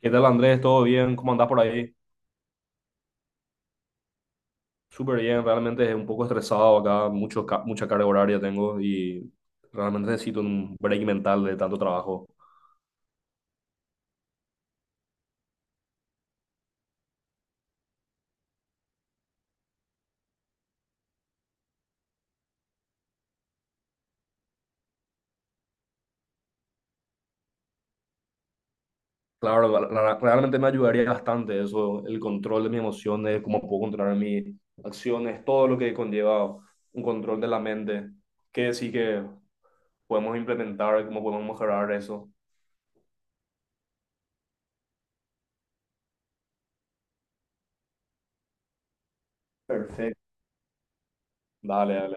¿Qué tal, Andrés? ¿Todo bien? ¿Cómo andás por ahí? Súper bien, realmente es un poco estresado acá, mucha carga horaria tengo y realmente necesito un break mental de tanto trabajo. Claro, realmente me ayudaría bastante eso, el control de mis emociones, cómo puedo controlar mis acciones, todo lo que conlleva un control de la mente, qué sí que podemos implementar, cómo podemos mejorar eso. Perfecto. Dale, dale.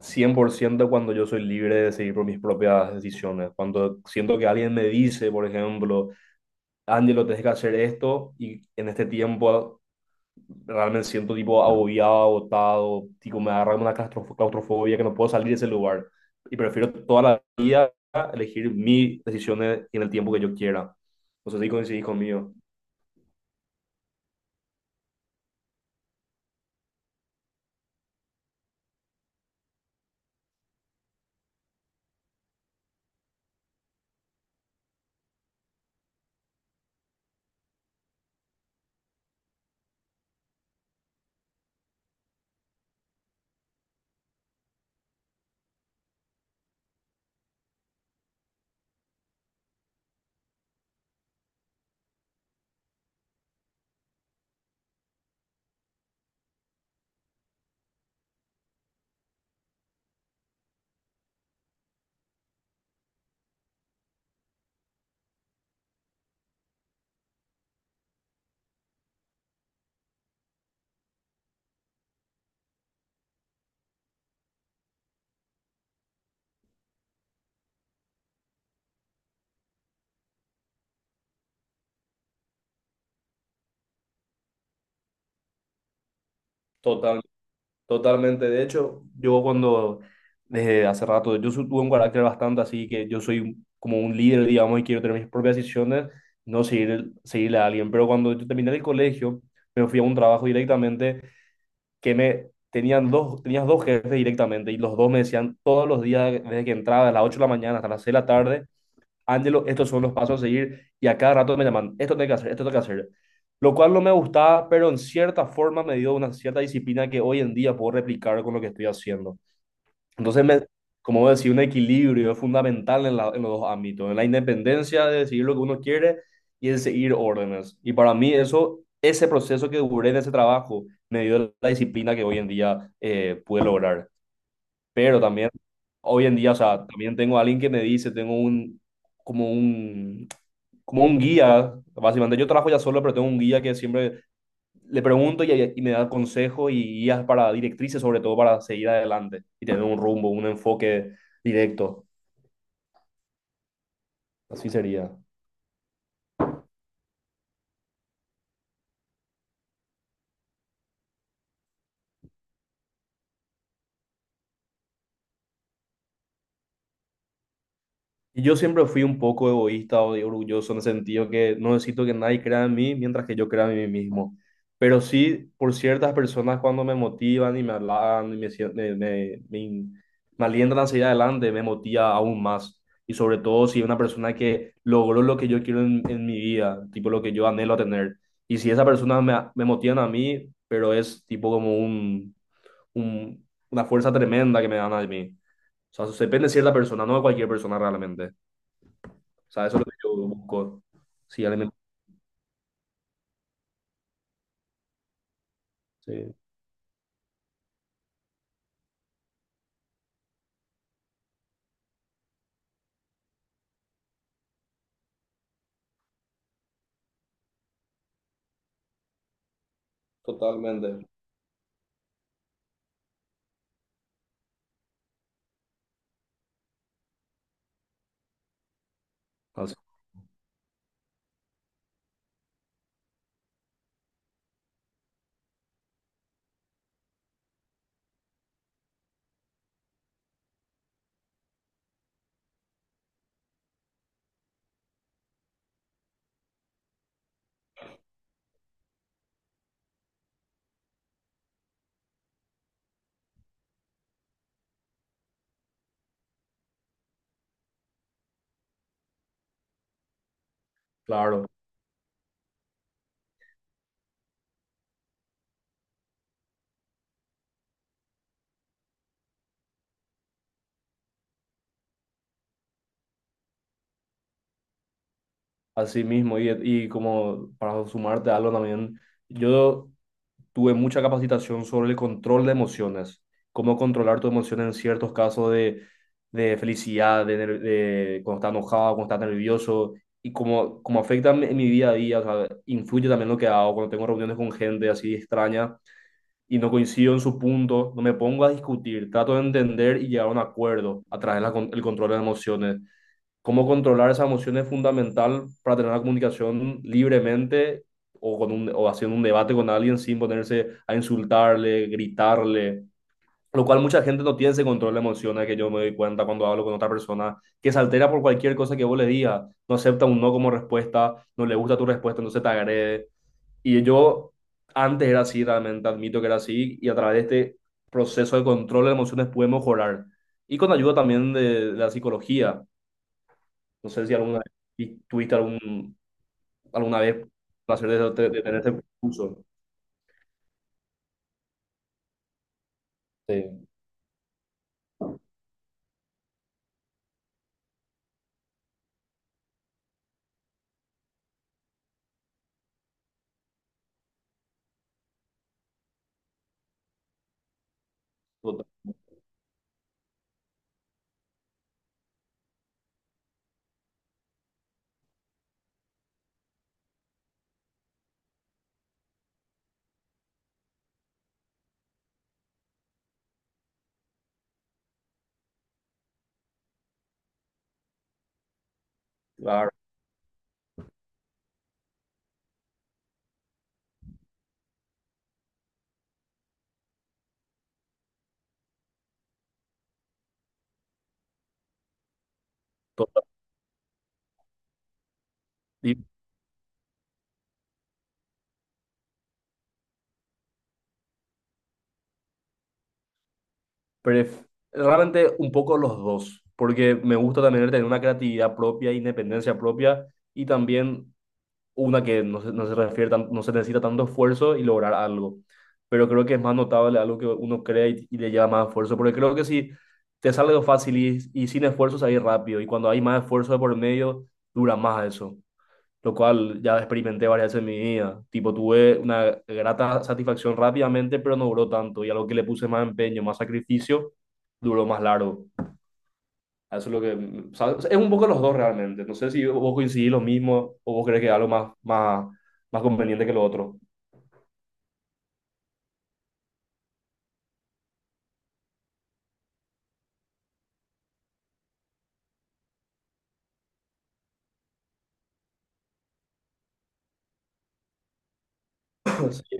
Cien por ciento cuando yo soy libre de decidir por mis propias decisiones. Cuando siento que alguien me dice, por ejemplo, Ángelo, tienes que hacer esto, y en este tiempo realmente siento tipo agobiado, agotado, tipo me agarra una claustrofobia que no puedo salir de ese lugar. Y prefiero toda la vida elegir mis decisiones en el tiempo que yo quiera. No sé si coincidís conmigo. Totalmente, de hecho, yo cuando desde hace rato, yo tuve un carácter bastante así que yo soy como un líder, digamos, y quiero tener mis propias decisiones, no seguir, seguirle a alguien. Pero cuando yo terminé el colegio, me fui a un trabajo directamente que tenías dos jefes directamente y los dos me decían todos los días desde que entraba, a las 8 de la mañana hasta las 6 de la tarde, Ángelo, estos son los pasos a seguir y a cada rato me llaman, esto tengo que hacer, esto tengo que hacer. Lo cual no me gustaba, pero en cierta forma me dio una cierta disciplina que hoy en día puedo replicar con lo que estoy haciendo. Entonces, como vos decís, un equilibrio es fundamental en los dos ámbitos, en la independencia de decidir lo que uno quiere y en seguir órdenes. Y para mí eso, ese proceso que duré en ese trabajo me dio la disciplina que hoy en día pude lograr. Pero también, hoy en día, o sea, también tengo a alguien que me dice, tengo como un, como un guía, básicamente yo trabajo ya solo, pero tengo un guía que siempre le pregunto y me da consejos y guías para directrices, sobre todo para seguir adelante y tener un rumbo, un enfoque directo. Así sería. Y yo siempre fui un poco egoísta o orgulloso en el sentido que no necesito que nadie crea en mí mientras que yo crea en mí mismo. Pero sí, por ciertas personas cuando me motivan y me hablan y me, sie- me, me, me me alientan a seguir adelante, me motiva aún más. Y sobre todo si es una persona que logró lo que yo quiero en mi vida, tipo lo que yo anhelo tener. Y si esa persona me, me motiva a mí, pero es tipo como una fuerza tremenda que me dan a mí. O sea, depende de cierta persona, no de cualquier persona realmente. O sea, eso es lo que yo busco. Sí, alimentar. Sí, totalmente. Así- claro, así mismo. Y como para sumarte a algo también, yo tuve mucha capacitación sobre el control de emociones, cómo controlar tus emociones en ciertos casos de felicidad, de cuando estás enojado, cuando estás nervioso, y cómo, cómo afecta en mi día a día, o sea, influye también lo que hago cuando tengo reuniones con gente así extraña. Y no coincido en su punto, no me pongo a discutir, trato de entender y llegar a un acuerdo a través del control de las emociones. Cómo controlar esas emociones es fundamental para tener una comunicación libremente o, con un, o haciendo un debate con alguien sin ponerse a insultarle, gritarle, lo cual mucha gente no tiene ese control de emociones que yo me doy cuenta cuando hablo con otra persona, que se altera por cualquier cosa que vos le digas, no acepta un no como respuesta, no le gusta tu respuesta, entonces te agrede. Y yo antes era así, realmente admito que era así, y a través de este proceso de control de emociones pude mejorar. Y con ayuda también de la psicología. No sé si vez tuviste algún, alguna vez placer de tener ese curso. Sí, total, claro, total. Y Pref- Realmente un poco los dos, porque me gusta también el tener una creatividad propia, independencia propia y también una que no se necesita tanto esfuerzo y lograr algo. Pero creo que es más notable algo que uno crea y le lleva más esfuerzo, porque creo que si te sale algo fácil y sin esfuerzo, ahí rápido. Y cuando hay más esfuerzo de por medio, dura más eso, lo cual ya experimenté varias veces en mi vida. Tipo, tuve una grata satisfacción rápidamente, pero no duró tanto. Y a lo que le puse más empeño, más sacrificio, duró más largo. Eso es lo que... o sea, es un poco los dos realmente. No sé si vos coincidís lo mismo o vos crees que es algo más, más, más conveniente que lo otro. Sí.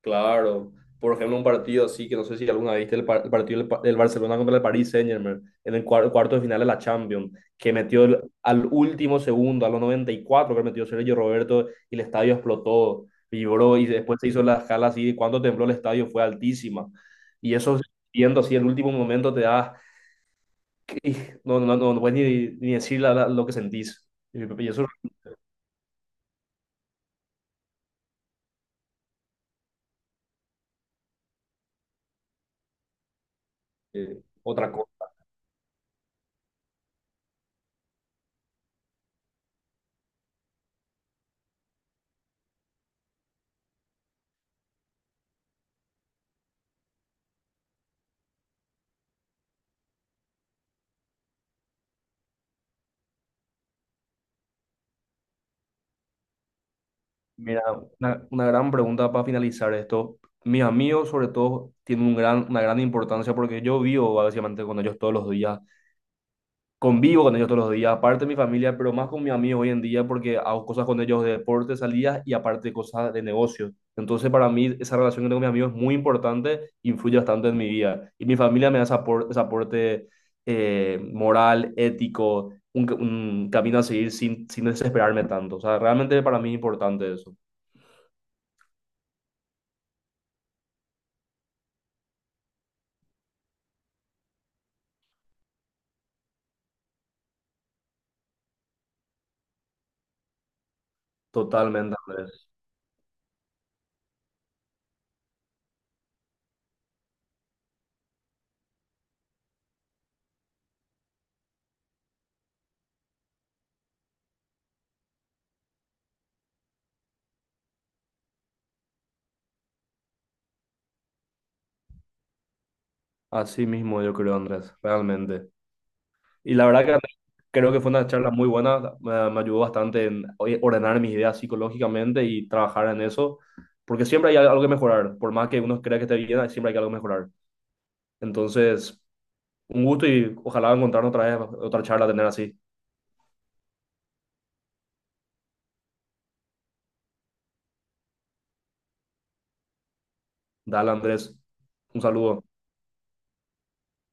Claro, por ejemplo, un partido así que no sé si alguna vez viste el partido del Barcelona contra el Paris Saint-Germain en el cuarto de final de la Champions, que metió al último segundo, a los 94, que metió Sergio Roberto y el estadio explotó, vibró y después se hizo la escala así, de cuánto tembló el estadio fue altísima. Y eso viendo así el último momento te da, no, no, no, no puedes ni decir lo que sentís. Y eso es otra cosa. Mira, una gran pregunta para finalizar esto. Mis amigos, sobre todo, tienen una gran importancia porque yo vivo básicamente con ellos todos los días, convivo con ellos todos los días, aparte de mi familia, pero más con mis amigos hoy en día porque hago cosas con ellos de deporte, salidas y aparte cosas de negocio. Entonces, para mí, esa relación que tengo con mis amigos es muy importante, influye bastante en mi vida. Y mi familia me da ese aporte, moral, ético, un camino a seguir sin desesperarme tanto. O sea, realmente para mí es importante eso. Totalmente, Andrés. Así mismo yo creo, Andrés, realmente. Y la verdad que Andrés, creo que fue una charla muy buena, me ayudó bastante en oye, ordenar mis ideas psicológicamente y trabajar en eso, porque siempre hay algo que mejorar, por más que uno crea que esté bien, siempre hay algo que mejorar. Entonces, un gusto y ojalá encontrarnos otra vez, otra charla, tener así. Dale, Andrés, un saludo.